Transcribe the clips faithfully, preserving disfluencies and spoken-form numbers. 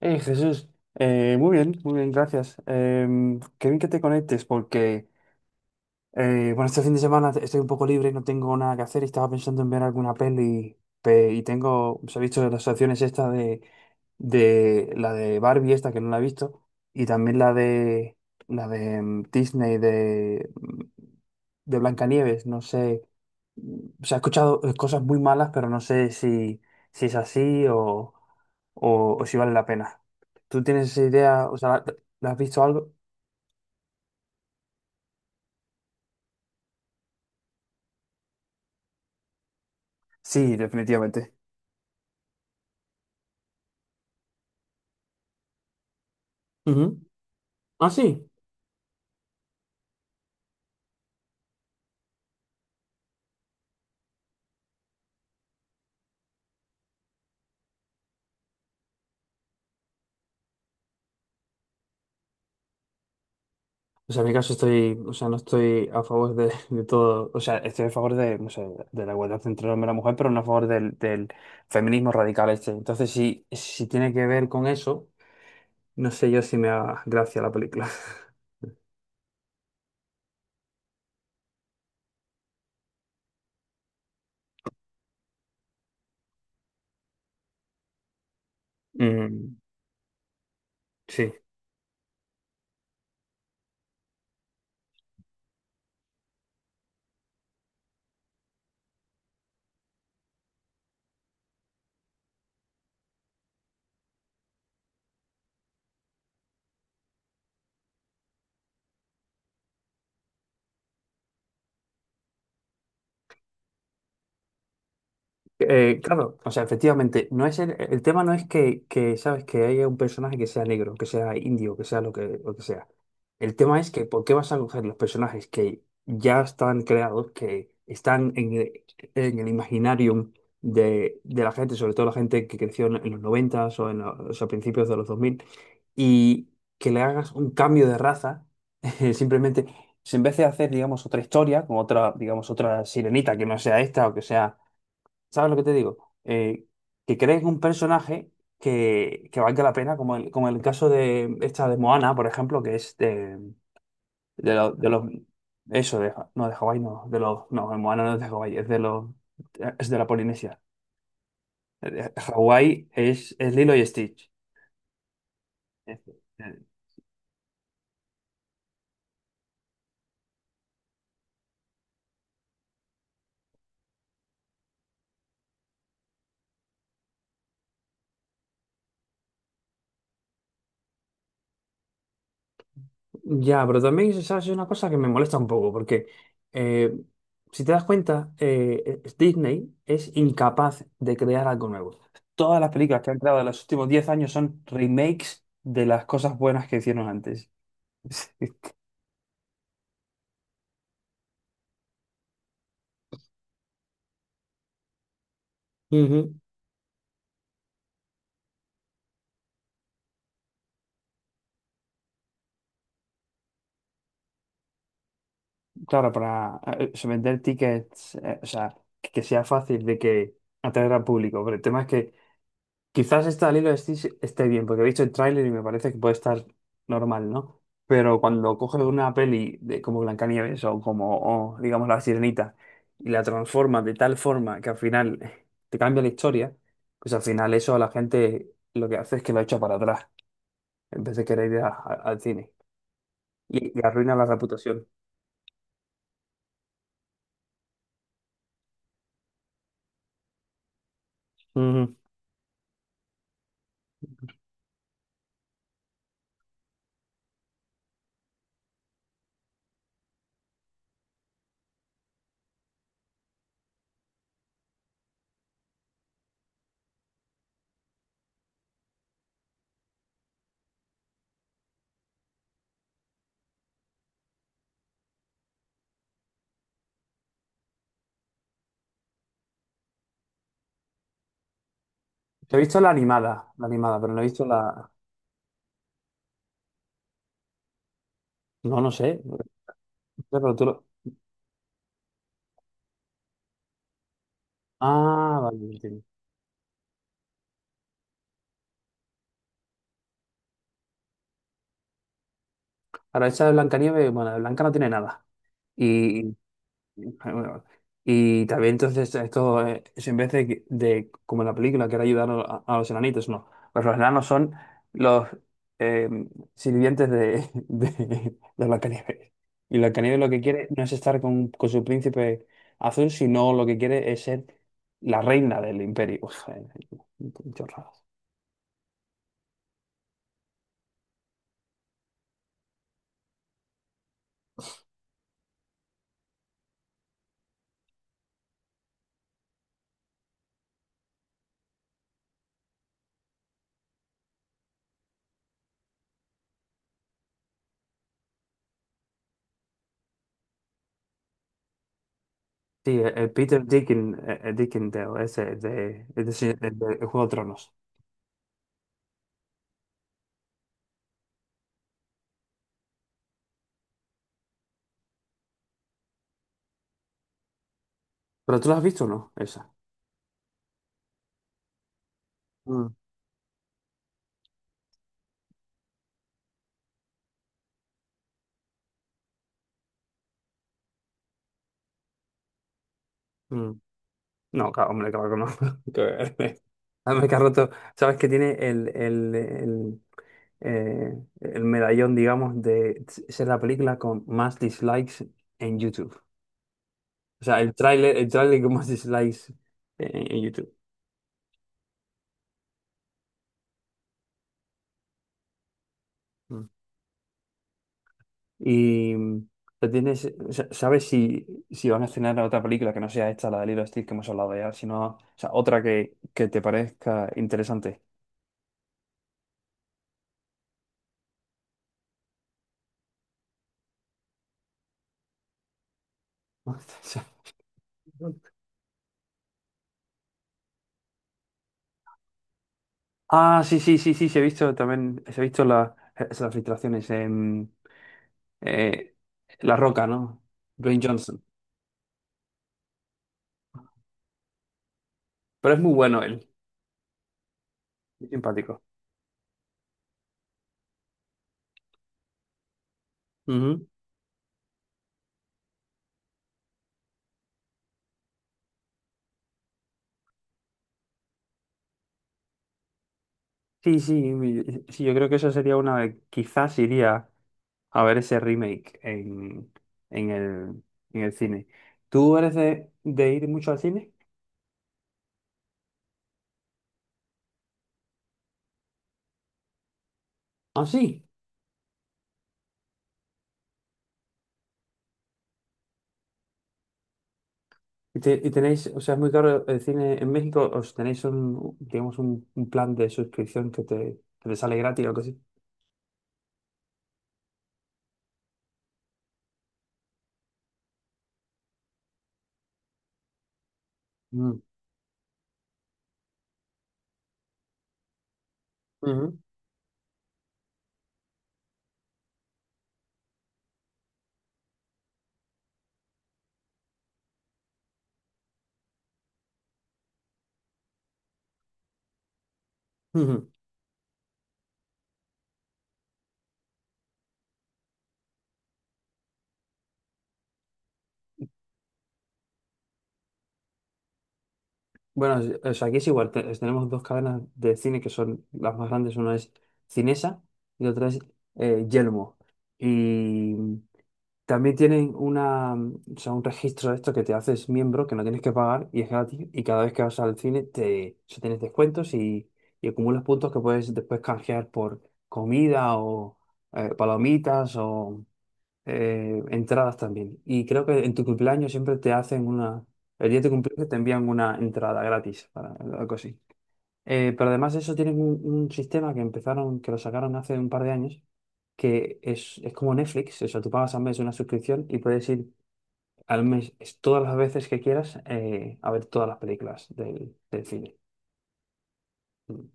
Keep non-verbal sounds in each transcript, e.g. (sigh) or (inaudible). Hey, Jesús, Eh, muy bien, muy bien, gracias. Em, qué bien que te conectes porque, eh, bueno, este fin de semana estoy un poco libre, no tengo nada que hacer y estaba pensando en ver alguna peli pe- Y tengo, os he visto las opciones esta de, de la de Barbie esta que no la he visto, y también la de la de em, Disney de, mm, de Blancanieves. No sé, se ha escuchado, eh, cosas muy malas, pero no sé si, si es así o, o, o si vale la pena. ¿Tú tienes esa idea? O sea, ¿la, la has visto algo? Sí, definitivamente. Ujú. Ah, sí. O sea, en mi caso estoy, o sea, no estoy a favor de, (laughs) de todo. O sea, estoy a favor de, no sé, de la igualdad entre el hombre y la mujer, pero no a favor del, del feminismo radical este. Entonces, si, si tiene que ver con eso, no sé yo si me da gracia la película. (laughs) Mm, sí. Eh, claro, o sea, efectivamente, no es el, el tema, no es que, que, sabes, que haya un personaje que sea negro, que sea indio, que sea lo que, lo que sea. El tema es, que, ¿por qué vas a coger los personajes que ya están creados, que están en el, en el imaginarium de, de la gente, sobre todo la gente que creció en, en los noventa o en los, a principios de los dos mil, y que le hagas un cambio de raza, (laughs) simplemente? Si en vez de hacer, digamos, otra historia, con otra, digamos, otra sirenita que no sea esta o que sea. ¿Sabes lo que te digo? Eh, que creen un personaje que, que valga la pena, como el, como el caso de esta de Moana, por ejemplo, que es de, de, lo- de los. Eso, de, no, de Hawái, no, de los. No, de Moana no es de Hawái, es de los. Es de la Polinesia. Eh, eh, Hawái es, es Lilo y Stitch. Ya, pero también, ¿sabes? Es una cosa que me molesta un poco, porque eh, si te das cuenta, eh, es- Disney es incapaz de crear algo nuevo. Todas las películas que han creado en los últimos diez años son remakes de las cosas buenas que hicieron antes. (laughs) Ujú. Claro, para eh, eh, vender tickets. Eh, o sea, que que sea fácil de que atraer al público. Pero el tema es que, quizás esta Lilo esté, esté bien, porque he visto el tráiler y me parece que puede estar normal, ¿no? Pero cuando coge una peli de, como Blancanieves o como, o, digamos, La Sirenita, y la transforma de tal forma que al final te cambia la historia, pues al final eso a la gente lo que hace es que lo echa para atrás, en vez de querer ir a- a- al cine. Y, y arruina la reputación. Ujú. He visto la animada, la animada, pero no he visto la. No, no sé. No sé. Pero tú lo. Ah, vale, entiendo. Ahora, esa de Blancanieves, bueno, de Blanca no tiene nada. Y, ah, bueno, y también entonces esto, eh, es en vez de, que- de, como en la película que era ayudar a, a los enanitos, no. Pues los enanos son los eh, sirvientes de, (laughs) de, de Blancanieves. Y Blancanieves lo que quiere no es estar con, con su príncipe azul, sino lo que quiere es ser la reina del imperio. Uf, eh, chorradas. Sí, eh, eh, Peter Dickin, eh, eh, Dickendale, ese de, es de, de- de Juego de Tronos. Pero tú lo has visto, ¿o no? Esa. Mm. Mm. No, claro, hombre, claro que no. (laughs) Que. Además que ha roto, ¿sabes que tiene el, el, el, eh, el medallón, digamos, de ser la película con más dislikes en YouTube? O sea, el tráiler, el tráiler con más dislikes en, en YouTube. Mm. Y mm, lo tienes, o sea, ¿sabes si, si van a estrenar otra película que no sea esta, la de Lilo Stitch que hemos hablado ya, sino, o sea, otra que, que te parezca interesante? (laughs) Ah, sí, sí, sí, sí, se ha visto también, se ha visto la- es- las filtraciones en eh, La Roca, ¿no? Dwayne Johnson. Pero es muy bueno él, muy simpático. Ujú. Sí, sí, mi- sí, yo creo que eso sería una, quizás iría a ver ese remake en, en el, en el cine. ¿Tú eres de, de ir mucho al cine? Ah, sí. Y, te- y tenéis, o sea, es muy caro el cine en México, ¿os tenéis un, digamos, un, un plan de suscripción que te, que te sale gratis o algo así? Mm. Ujú. Bueno, es- o sea, aquí es igual. Te- tenemos dos cadenas de cine que son las más grandes. Una es Cinesa y otra es eh, Yelmo. Y también tienen una, mm, o sea, un registro de esto que te haces miembro, que no tienes que pagar y es gratis. Y cada vez que vas al cine te, o sea, tienes descuentos y, y acumulas puntos que puedes después canjear por comida o eh, palomitas o eh, entradas también. Y creo que en tu cumpleaños siempre te hacen una, el día de tu cumpleaños te envían una entrada gratis, para, algo así. Eh, pero además de eso tienen un, un sistema que empezaron, que lo sacaron hace un par de años, que es, es como Netflix. O sea, tú pagas al mes una suscripción y puedes ir al mes es- todas las veces que quieras eh, a ver todas las películas del, del cine. Mm.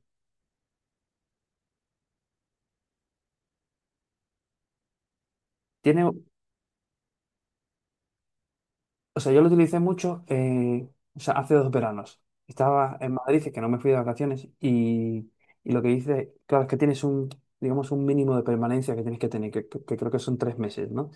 Tiene. O sea, yo lo utilicé mucho, eh, o sea, hace dos veranos. Estaba en Madrid, que no me fui de vacaciones, y, y lo que hice, claro, es que tienes un, digamos, un mínimo de permanencia que tienes que tener, que, que- que creo que son tres meses, ¿no?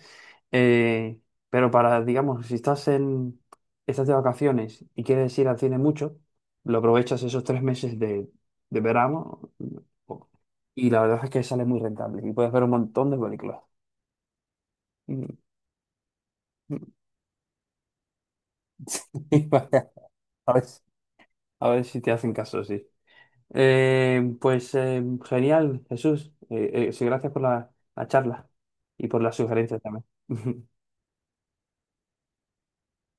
Eh, pero para, digamos, si estás en, estás de vacaciones y quieres ir al cine mucho, lo aprovechas esos tres meses de, de verano, y la verdad es que sale muy rentable, y puedes ver un montón de películas. (laughs) Y vaya, a ver, a ver si te hacen caso, sí. Eh, pues eh, genial, Jesús. Eh, eh, sí, gracias por la la charla y por las sugerencias también. (laughs)